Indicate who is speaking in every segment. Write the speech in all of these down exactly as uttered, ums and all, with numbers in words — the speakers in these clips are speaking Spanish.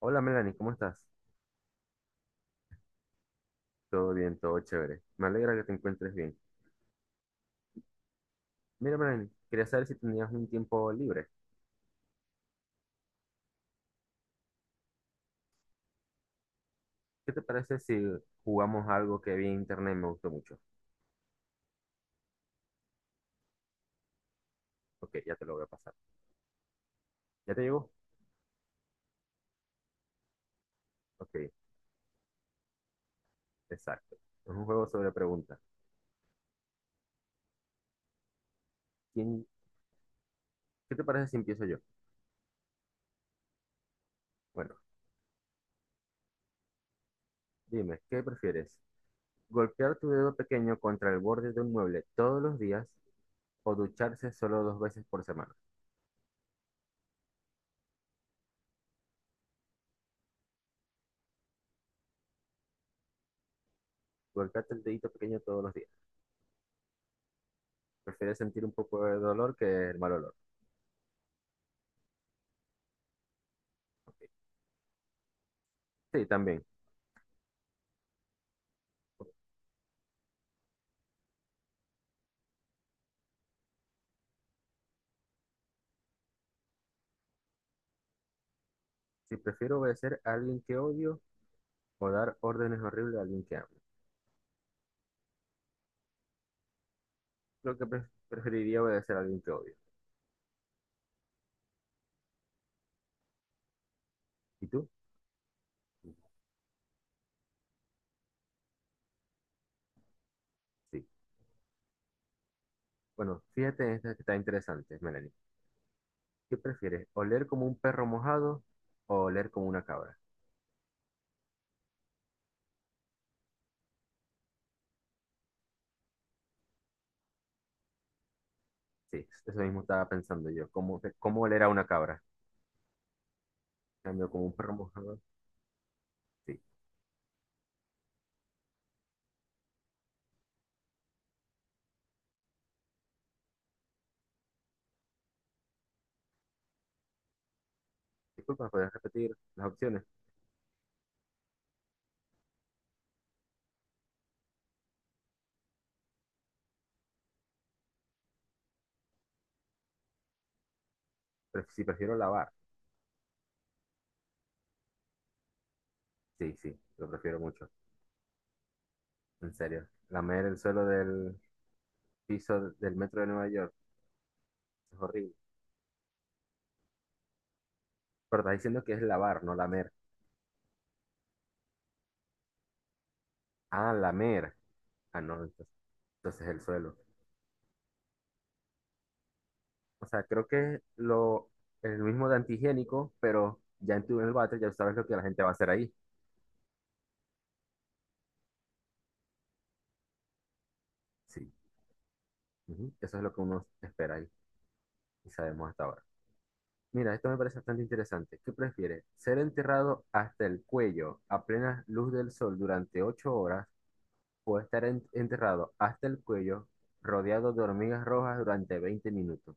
Speaker 1: Hola Melanie, ¿cómo estás? Todo bien, todo chévere. Me alegra que te encuentres bien. Mira Melanie, quería saber si tenías un tiempo libre. ¿Qué te parece si jugamos algo que vi en internet y me gustó mucho? Ok, ya te lo voy a pasar. ¿Ya te llegó? Ok, exacto. Es un juego sobre preguntas. ¿Quién- ¿Qué te parece si empiezo yo? Bueno, dime, ¿qué prefieres? ¿Golpear tu dedo pequeño contra el borde de un mueble todos los días o ducharse solo dos veces por semana? Golpearte el dedito pequeño todos los días. ¿Prefieres sentir un poco de dolor que el mal olor? Ok. Sí, también. Si prefiero obedecer a alguien que odio o dar órdenes horribles a alguien que amo. Creo que pre- preferiría obedecer a alguien que odio. ¿Y tú? Sí. Bueno, fíjate en esta que está interesante, Melanie. ¿Qué prefieres? ¿Oler como un perro mojado o oler como una cabra? Sí, eso mismo estaba pensando yo. ¿Cómo, cómo oler a una cabra? En cambio como un perro mojado. Sí. Disculpa, ¿puedes repetir las opciones? Pre- si prefiero lavar. Sí, sí, lo prefiero mucho. En serio. Lamer el suelo del piso del metro de Nueva York. Es horrible. Pero está diciendo que es lavar, no lamer. Ah, lamer. Ah, no, entonces, entonces el suelo. O sea, creo que lo, el mismo de antihigiénico, pero ya en tu en el váter ya sabes lo que la gente va a hacer ahí. Sí, ujú, eso es lo que uno espera ahí y sabemos hasta ahora. Mira, esto me parece bastante interesante. ¿Qué prefieres? ¿Ser enterrado hasta el cuello a plena luz del sol durante ocho horas o estar en- enterrado hasta el cuello rodeado de hormigas rojas durante veinte minutos?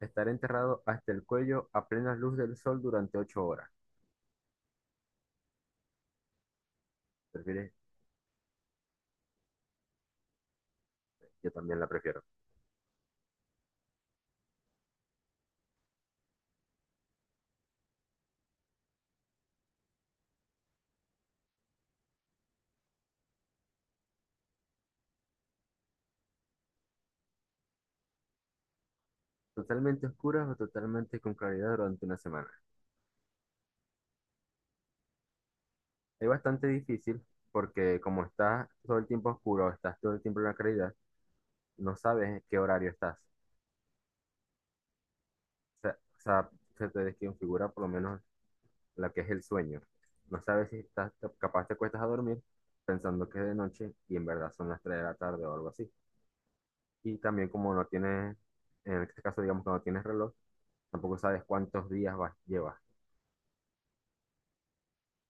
Speaker 1: Estar enterrado hasta el cuello a plena luz del sol durante ocho horas. ¿Prefieres? Yo también la prefiero. Totalmente oscuras o totalmente con claridad durante una semana. Es bastante difícil porque como estás todo el tiempo oscuro, estás todo el tiempo en la claridad, no sabes en qué horario estás. O sea, o sea, se te desconfigura por lo menos la que es el sueño. No sabes si estás capaz te cuestas a dormir pensando que es de noche y en verdad son las tres de la tarde o algo así. Y también como no tienes, en este caso digamos que no tienes reloj, tampoco sabes cuántos días vas, llevas.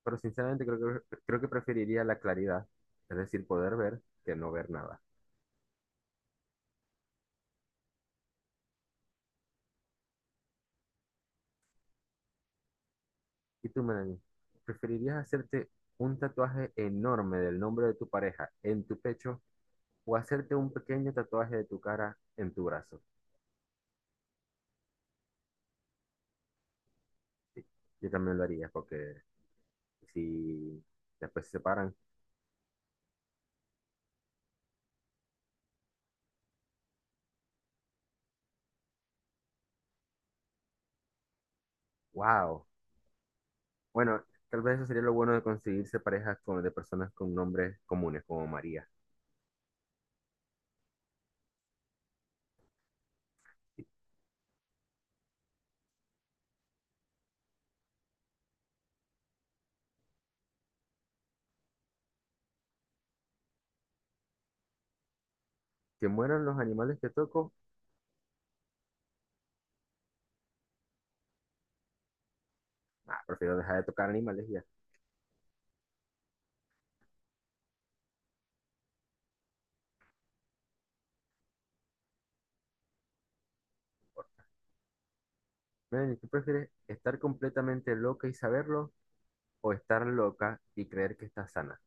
Speaker 1: Pero sinceramente creo que, creo que preferiría la claridad, es decir, poder ver que no ver nada. ¿Y tú, Melanie? ¿Preferirías hacerte un tatuaje enorme del nombre de tu pareja en tu pecho o hacerte un pequeño tatuaje de tu cara en tu brazo? Sí, yo también lo haría porque si después se separan, wow. Bueno, tal vez eso sería lo bueno de conseguirse parejas con, de personas con nombres comunes como María. Sí. Que mueran los animales que toco. Ah, prefiero dejar de tocar animales y ya. Melanie, ¿tú prefieres estar completamente loca y saberlo o estar loca y creer que estás sana?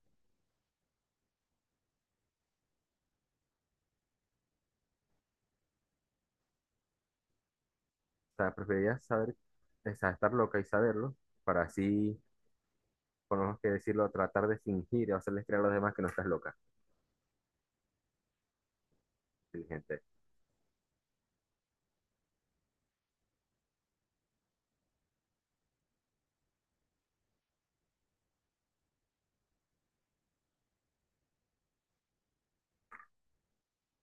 Speaker 1: O sea, preferirías saber, o sea, estar loca y saberlo para así, por lo menos que decirlo, tratar de fingir o hacerles creer a los demás que no estás loca, inteligente.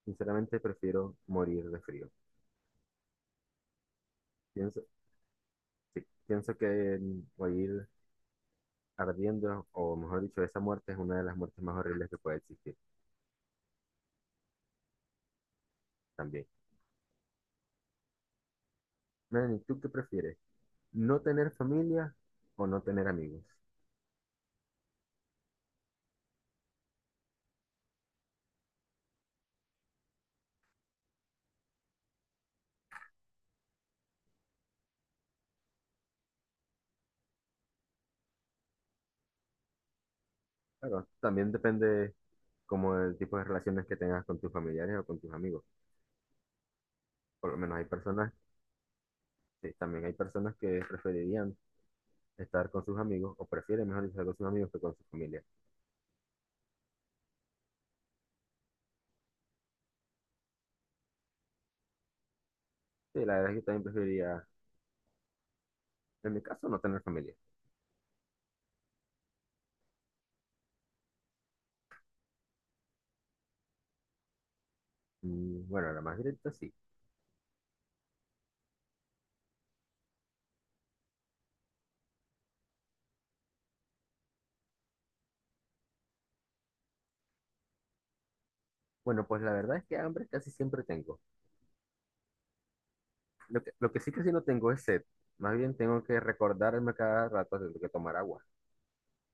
Speaker 1: Sinceramente, prefiero morir de frío. Pienso, sí, pienso que el morir ardiendo, o mejor dicho, esa muerte es una de las muertes más horribles que puede existir también. Melanie, ¿tú qué prefieres? ¿No tener familia o no tener amigos? Claro, también depende como el tipo de relaciones que tengas con tus familiares o con tus amigos. Por lo menos hay personas, que- también hay personas que preferirían estar con sus amigos o prefieren mejor estar con sus amigos que con su familia. Sí, la verdad es que yo también preferiría, en mi caso, no tener familia. Mm, bueno, la más directa sí. Bueno, pues la verdad es que hambre casi siempre tengo. Lo que, lo que sí casi no tengo es sed. Más bien tengo que recordarme cada rato de que tomar agua.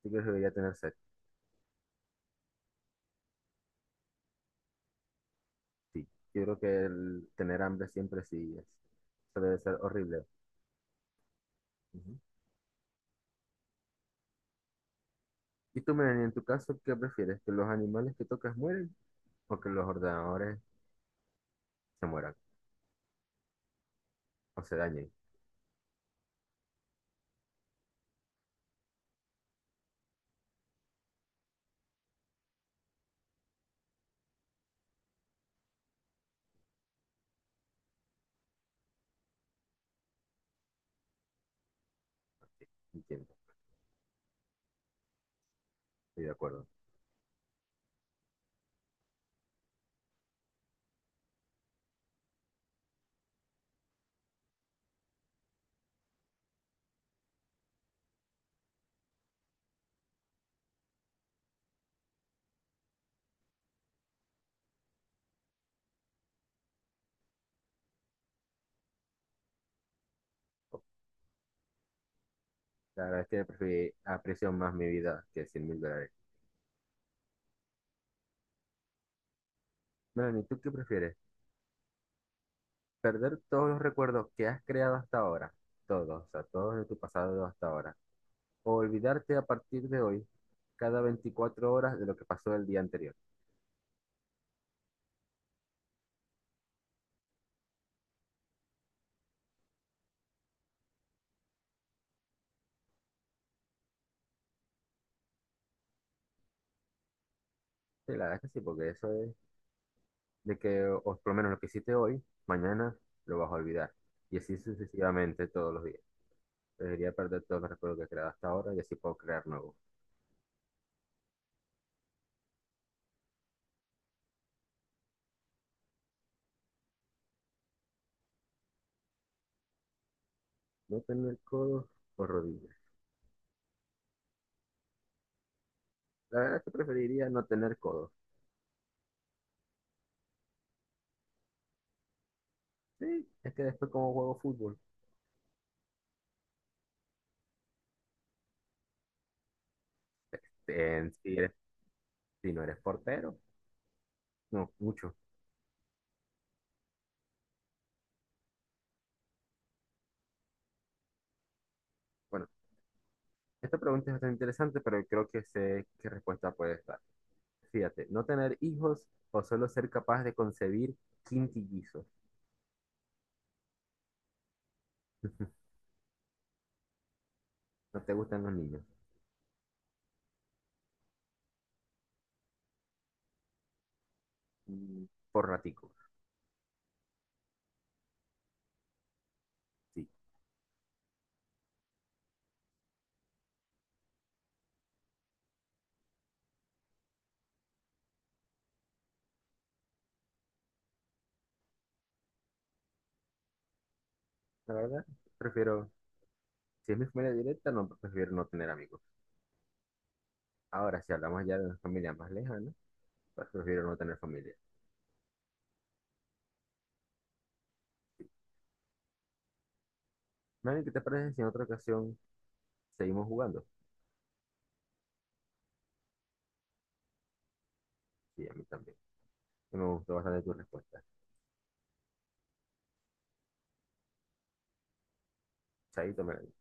Speaker 1: Sí que debería tener sed, sí. Yo creo que el tener hambre siempre sí es, eso debe ser horrible. Ujú. Y tú, Melanie, en tu caso, ¿qué prefieres? ¿Que los animales que tocas mueren o que los ordenadores se mueran o se dañen? Entiendo, estoy de acuerdo. La verdad es que prefi- aprecio más mi vida que cien mil dólares. Melanie, ¿tú qué prefieres? ¿Perder todos los recuerdos que has creado hasta ahora? Todos, o sea, todos de tu pasado hasta ahora. ¿O olvidarte a partir de hoy cada veinticuatro horas de lo que pasó el día anterior? Sí, la verdad es que sí, porque eso es de que, o por lo menos lo que hiciste hoy, mañana lo vas a olvidar. Y así sucesivamente todos los días. Debería perder todos los recuerdos que he creado hasta ahora y así puedo crear nuevos. No tener codos o rodillas. La verdad es que preferiría no tener codos. Sí, es que después como juego fútbol, en- si, eres- si no eres portero, no, mucho. Bueno, esta pregunta es bastante interesante, pero creo que sé qué respuesta puede estar. Fíjate, no tener hijos o solo ser capaz de concebir quintillizos. No te gustan los niños. Mm, por ratico, sí. La verdad, prefiero, si es mi familia directa, no prefiero no tener amigos. Ahora, si hablamos ya de una familia más lejana, pues prefiero no tener familia. Manny, ¿qué te parece si en otra ocasión seguimos jugando? Sí, a mí también. Sí me gustó bastante tu respuesta. Chaito, Melanie.